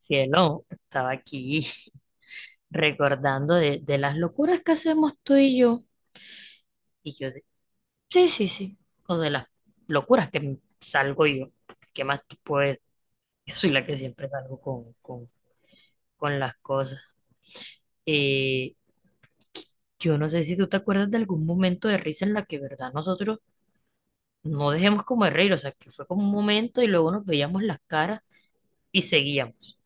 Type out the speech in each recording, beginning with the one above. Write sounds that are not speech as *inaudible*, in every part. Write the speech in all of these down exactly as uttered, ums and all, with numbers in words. Cielo, estaba aquí *laughs* recordando de, de las locuras que hacemos tú y yo. Y yo de, sí, sí, sí. O de las locuras que m- salgo yo. ¿Qué más te puedes? *laughs* Yo soy la que siempre salgo con, con, con las cosas. Eh, yo no sé si tú te acuerdas de algún momento de risa en la que, verdad, nosotros no dejemos como de reír. O sea, que fue como un momento y luego nos veíamos las caras y seguíamos.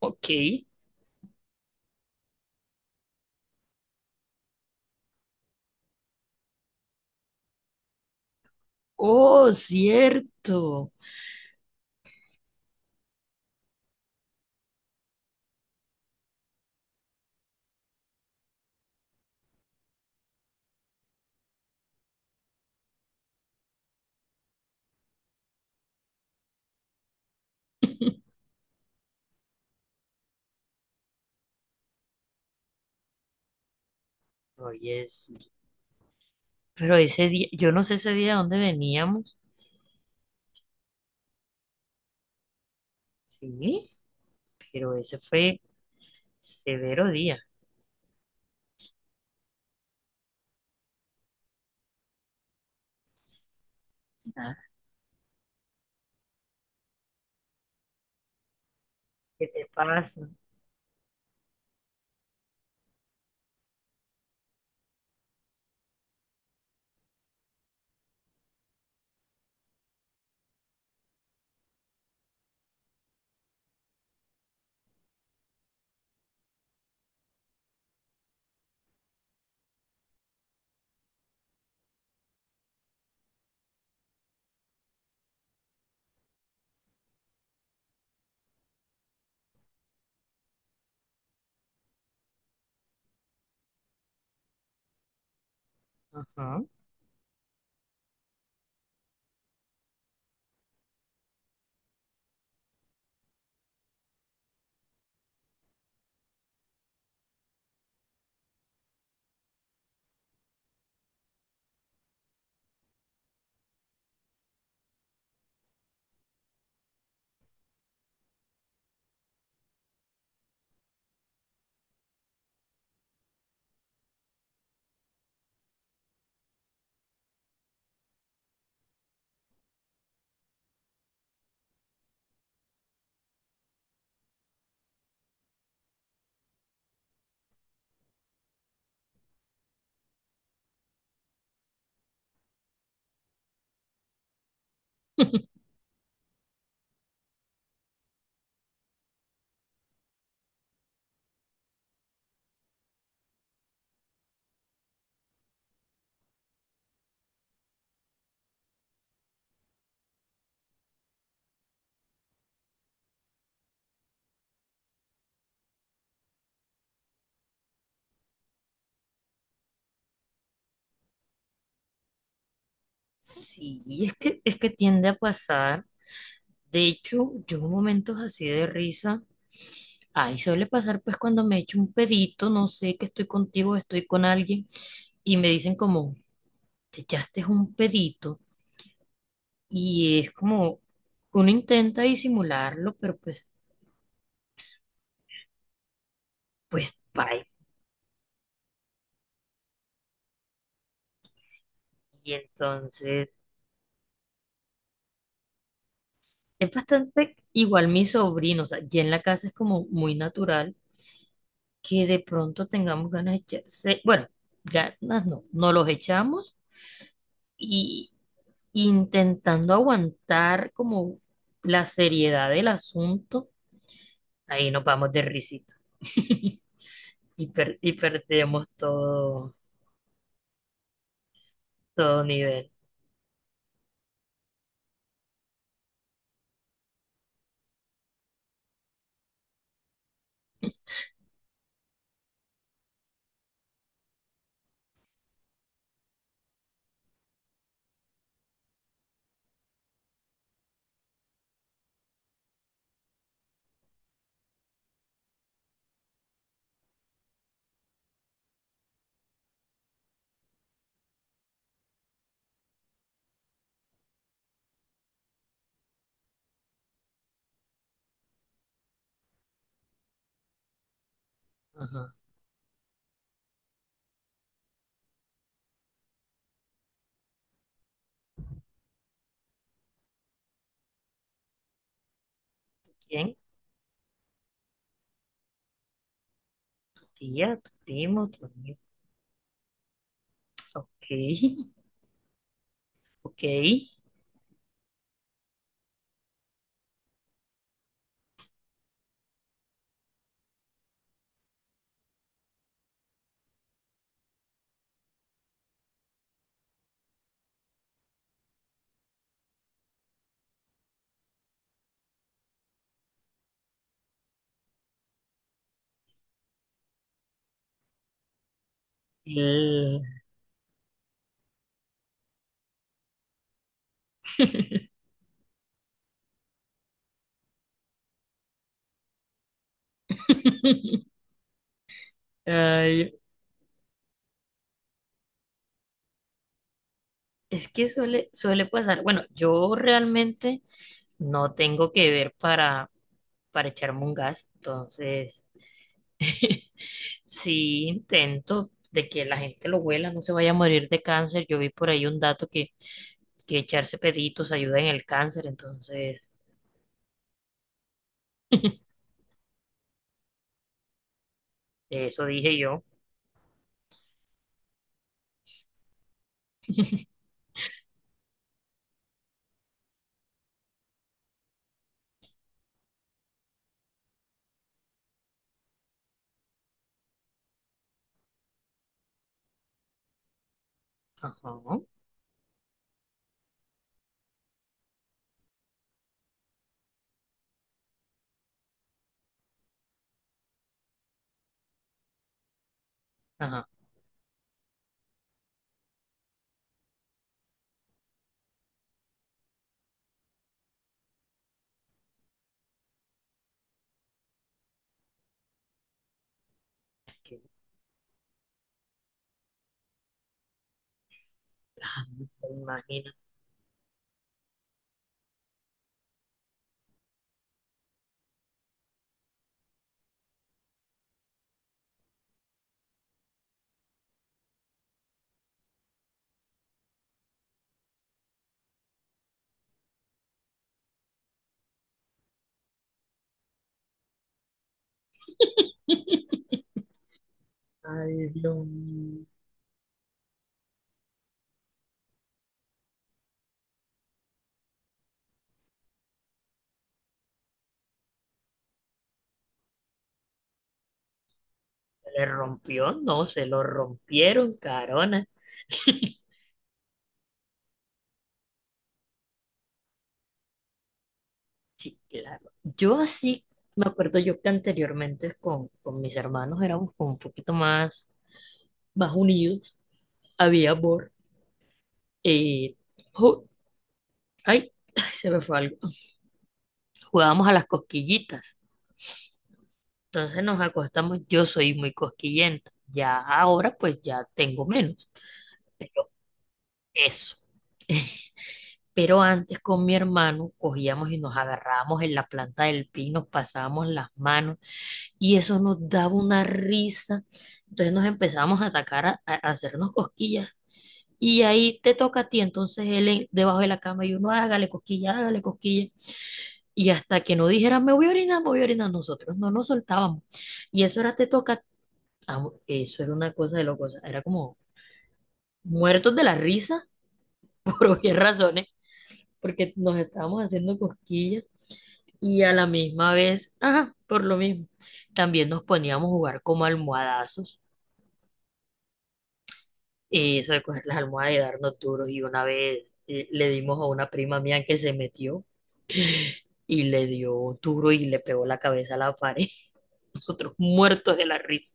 Ok. Oh, cierto. Oye, sí. Pero ese día, yo no sé ese día dónde veníamos, sí, pero ese fue severo día. Ah, ¿qué te pasa? Ajá. Sí, es que, es que tiende a pasar. De hecho, yo en momentos así de risa, ay, suele pasar pues cuando me echo un pedito, no sé que estoy contigo, estoy con alguien, y me dicen como, te echaste un pedito, y es como, uno intenta disimularlo, pero pues, pues, bye. Y entonces es bastante igual mi sobrino, o sea, ya en la casa es como muy natural que de pronto tengamos ganas de echarse, bueno, ganas no, no los echamos y intentando aguantar como la seriedad del asunto, ahí nos vamos de risita *laughs* y, per- y perdemos todo, todo nivel. Ajá. ¿Quién? Tía, tu primo, tu amigo. Ok, *laughs* ok. El- *laughs* Ay, es que suele, suele pasar. Bueno, yo realmente no tengo que ver para, para echarme un gas, entonces *laughs* sí intento de que la gente lo huela, no se vaya a morir de cáncer. Yo vi por ahí un dato que, que echarse peditos ayuda en el cáncer, entonces eso dije yo. Ajá, ajá. Que- ay, imagina. *laughs* Ay, Dios mío. ¿Se le rompió? No, se lo rompieron, carona. *laughs* Sí, claro. Yo así, me acuerdo yo que anteriormente con, con mis hermanos éramos como un poquito más, más unidos, había amor. eh, ju- ay, *clears throat* se me fue algo. Jugábamos a las cosquillitas. Entonces nos acostamos, yo soy muy cosquillenta. Ya ahora pues ya tengo menos, pero eso. *laughs* Pero antes con mi hermano cogíamos y nos agarrábamos en la planta del pino, nos pasábamos las manos y eso nos daba una risa. Entonces nos empezamos a atacar, a, a hacernos cosquillas. Y ahí te toca a ti, entonces él en- debajo de la cama y uno hágale cosquilla, hágale cosquilla. Y hasta que no dijeran me voy a orinar, me voy a orinar, nosotros no nos soltábamos. Y eso era te toca, a- ah, eso era una cosa de locos, era como muertos de la risa *laughs* por obvias razones, porque nos estábamos haciendo cosquillas y a la misma vez, ajá, por lo mismo, también nos poníamos a jugar como almohadazos. Y eso de coger las almohadas y darnos duros. Y una vez eh, le dimos a una prima mía que se metió y le dio duro y le pegó la cabeza a la pared. *laughs* Nosotros muertos de la risa.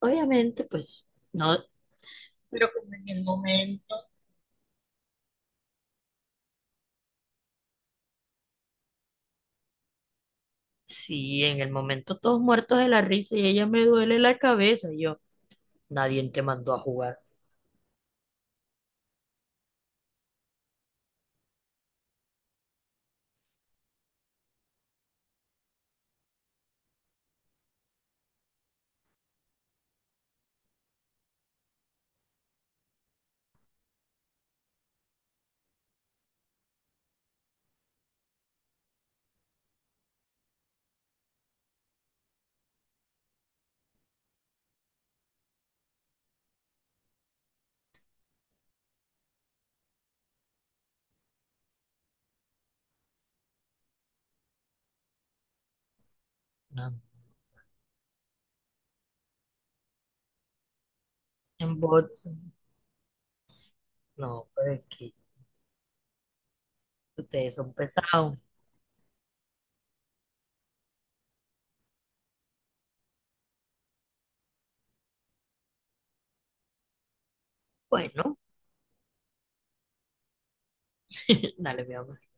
Obviamente, pues, no. Pero como en el momento. Sí, en el momento todos muertos de la risa y ella me duele la cabeza. Y yo, nadie te mandó a jugar. No. En bots. No, pero es que ustedes son pesados. Bueno, *laughs* dale, mi amor.